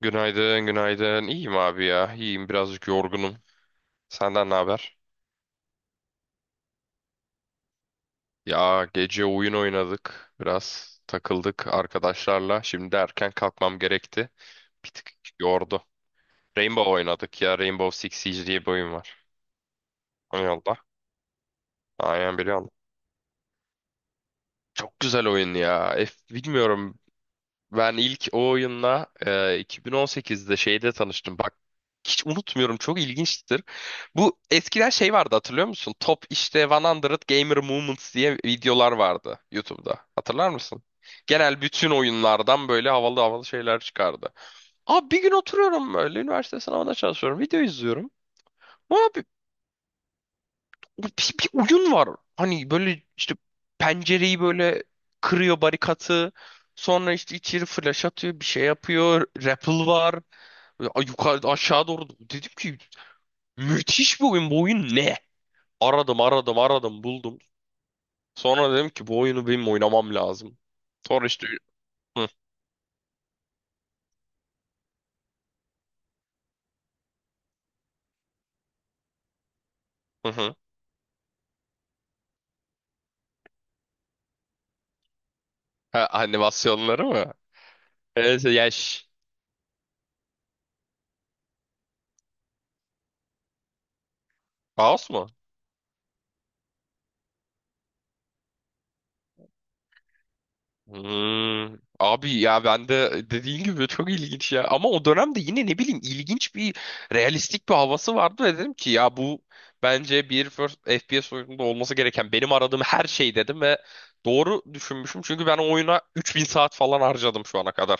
Günaydın, günaydın. İyiyim abi ya. İyiyim, birazcık yorgunum. Senden ne haber? Ya gece oyun oynadık. Biraz takıldık arkadaşlarla. Şimdi erken kalkmam gerekti. Bir tık yordu. Rainbow oynadık ya. Rainbow Six Siege diye bir oyun var. Oyun Allah. Aynen biliyorum. Çok güzel oyun ya. Bilmiyorum. Ben ilk o oyunla 2018'de şeyde tanıştım. Bak hiç unutmuyorum, çok ilginçtir. Bu eskiden şey vardı, hatırlıyor musun? Top işte 100 Gamer Moments diye videolar vardı YouTube'da. Hatırlar mısın? Genel bütün oyunlardan böyle havalı havalı şeyler çıkardı. Abi bir gün oturuyorum böyle, üniversite sınavına çalışıyorum. Video izliyorum, bir oyun var. Hani böyle işte pencereyi böyle kırıyor barikatı. Sonra işte içeri flash atıyor, bir şey yapıyor. Rappel var. Böyle yukarı aşağı doğru. Dedim ki müthiş bir oyun. Bu oyun ne? Aradım, aradım, aradım, buldum. Sonra dedim ki bu oyunu benim oynamam lazım. Sonra işte hı, hı, hı. Ha, animasyonları mı? Evet, yaş. Kaos mu? Hmm. Abi ya ben de dediğin gibi çok ilginç ya. Ama o dönemde yine ne bileyim ilginç bir realistik bir havası vardı ve dedim ki ya bu bence bir first FPS oyununda olması gereken, benim aradığım her şey dedim ve doğru düşünmüşüm. Çünkü ben o oyuna 3.000 saat falan harcadım şu ana kadar.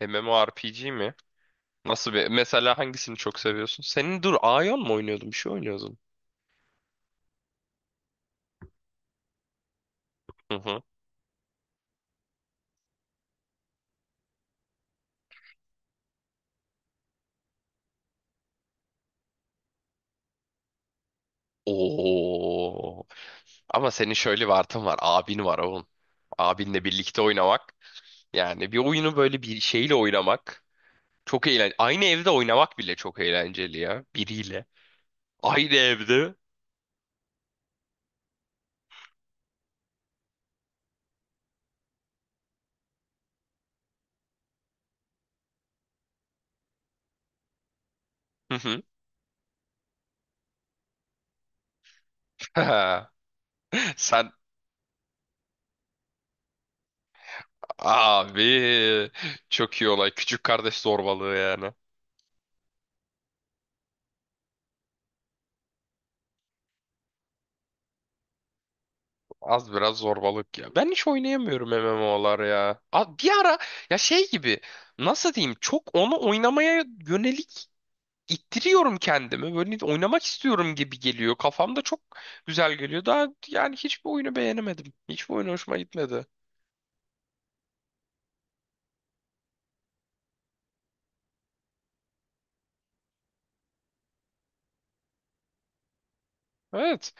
MMORPG mi? Nasıl bir mesela, hangisini çok seviyorsun? Senin dur, Aion mu oynuyordun? Bir şey oynuyordun. Hı hı. Oo. Ama senin şöyle bir artın var. Abin var oğlum. Abinle birlikte oynamak. Yani bir oyunu böyle bir şeyle oynamak çok eğlenceli. Aynı evde oynamak bile çok eğlenceli ya. Biriyle. Aynı evde. Hı hı. Sen abi çok iyi olay. Küçük kardeş zorbalığı yani. Az biraz zorbalık ya. Ben hiç oynayamıyorum M M olar ya. Bir ara ya şey gibi, nasıl diyeyim, çok onu oynamaya yönelik ittiriyorum kendimi. Böyle oynamak istiyorum gibi geliyor. Kafamda çok güzel geliyor. Daha yani hiçbir oyunu beğenemedim. Hiçbir oyun hoşuma gitmedi. Evet.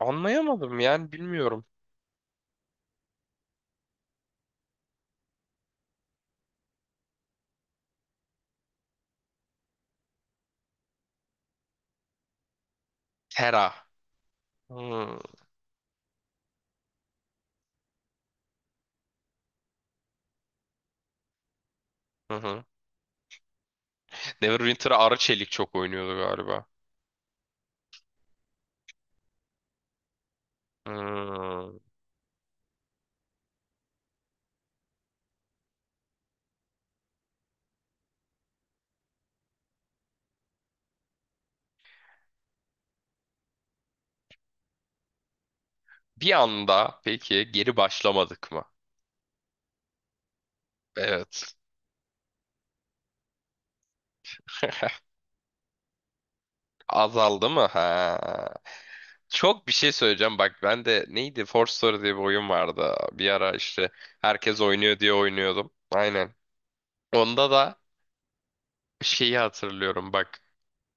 Anlayamadım yani, bilmiyorum. Terra. Hmm. Hı hı. Neverwinter'a Arı Çelik çok oynuyordu galiba. Hmm. Bir anda peki geri başlamadık mı? Evet. Azaldı mı? Ha. Çok bir şey söyleyeceğim. Bak ben de neydi? Force Story diye bir oyun vardı. Bir ara işte herkes oynuyor diye oynuyordum. Aynen. Onda da şeyi hatırlıyorum bak.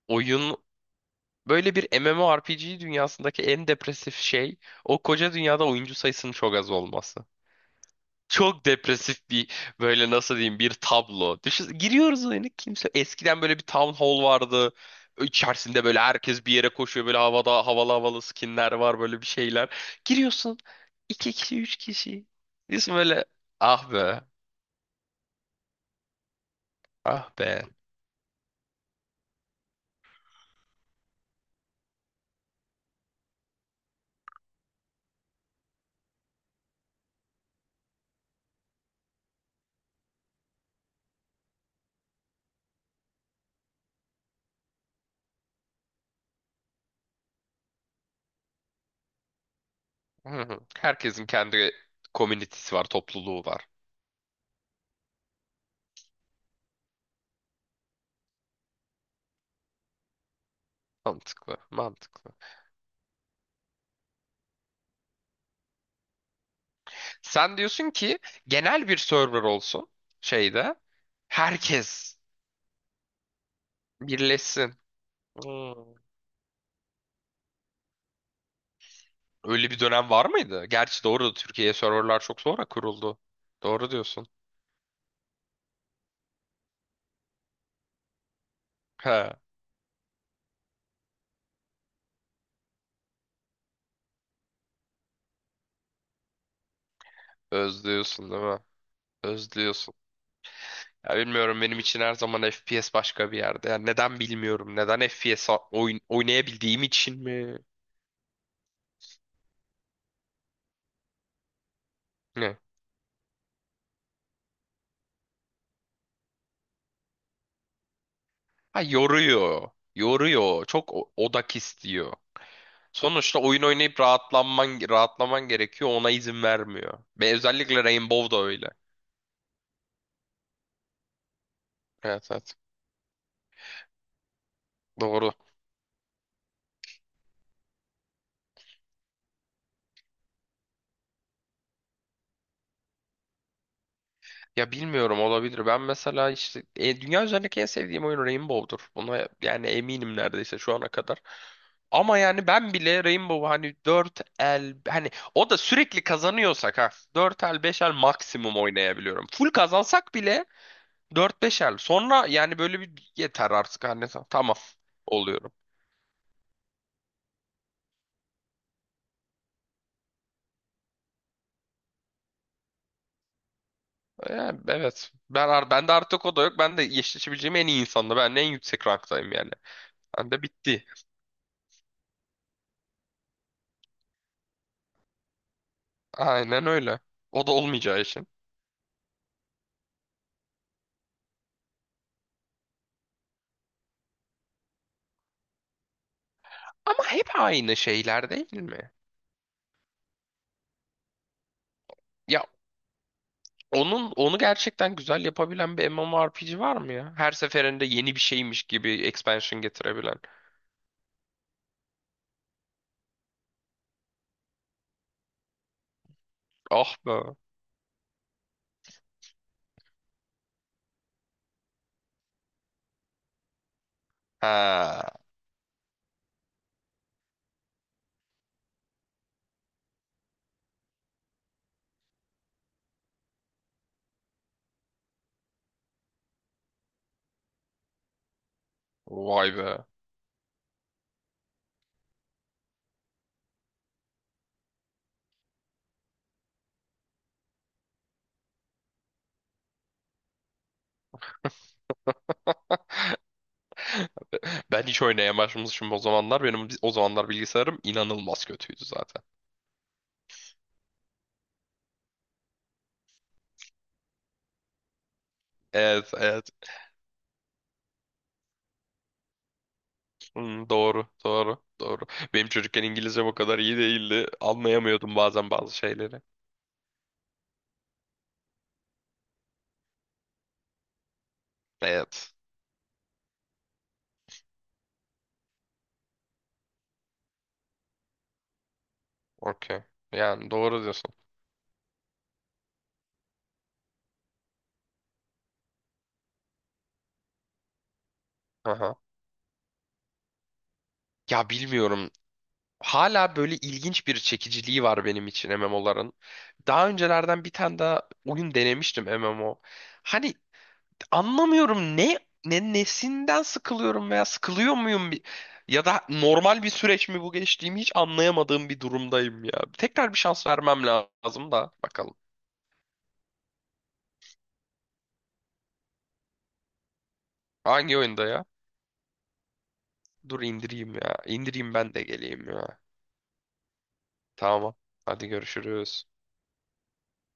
Oyun böyle, bir MMORPG dünyasındaki en depresif şey o koca dünyada oyuncu sayısının çok az olması. Çok depresif bir böyle, nasıl diyeyim, bir tablo. Düşün, giriyoruz oyuna kimse, eskiden böyle bir town hall vardı. İçerisinde böyle herkes bir yere koşuyor, böyle havada havalı havalı skinler var, böyle bir şeyler. Giriyorsun, iki kişi üç kişi. Diyorsun böyle ah be, ah be. Hı hı. Herkesin kendi komünitesi var, topluluğu var. Mantıklı, mantıklı. Sen diyorsun ki genel bir server olsun şeyde. Herkes birleşsin. Hmm. Öyle bir dönem var mıydı? Gerçi doğru, Türkiye'ye serverlar çok sonra kuruldu. Doğru diyorsun. He, özlüyorsun değil mi? Özlüyorsun. Ya bilmiyorum, benim için her zaman FPS başka bir yerde. Ya neden bilmiyorum. Neden FPS oynayabildiğim için mi? Ha, yoruyor. Yoruyor. Çok odak istiyor. Sonuçta oyun oynayıp rahatlanman rahatlaman gerekiyor. Ona izin vermiyor. Ve özellikle Rainbow da öyle. Evet, evet. Doğru. Ya bilmiyorum, olabilir. Ben mesela işte dünya üzerindeki en sevdiğim oyun Rainbow'dur. Buna yani eminim neredeyse şu ana kadar. Ama yani ben bile Rainbow hani 4 el, hani o da sürekli kazanıyorsak ha, 4 el 5 el maksimum oynayabiliyorum. Full kazansak bile 4-5'er. Sonra yani böyle bir yeter artık anne tamam oluyorum. Yani evet. Ben bende artık o da yok. Ben de eşleşebileceğim en iyi insanla. Ben de en yüksek ranktayım yani. Ben de bitti. Aynen öyle. O da olmayacağı için. Ama hep aynı şeyler değil mi? Ya onun onu gerçekten güzel yapabilen bir MMORPG var mı ya? Her seferinde yeni bir şeymiş gibi expansion getirebilen. Ah be. Ha. Vay be. Ben hiç oynaya başlamışım o zamanlar. Benim o zamanlar bilgisayarım inanılmaz kötüydü zaten. Evet, evet. Hmm, doğru, doğru, doğru. Benim çocukken İngilizcem o kadar iyi değildi. Anlayamıyordum bazen bazı şeyleri. Evet. Okey. Yani doğru diyorsun. Aha. Ya bilmiyorum. Hala böyle ilginç bir çekiciliği var benim için MMO'ların. Daha öncelerden bir tane daha oyun denemiştim MMO. Hani anlamıyorum ne nesinden sıkılıyorum veya sıkılıyor muyum, ya da normal bir süreç mi bu, geçtiğimi hiç anlayamadığım bir durumdayım ya. Tekrar bir şans vermem lazım da, bakalım. Hangi oyunda ya? Dur indireyim ya. İndireyim, ben de geleyim ya. Tamam. Hadi görüşürüz.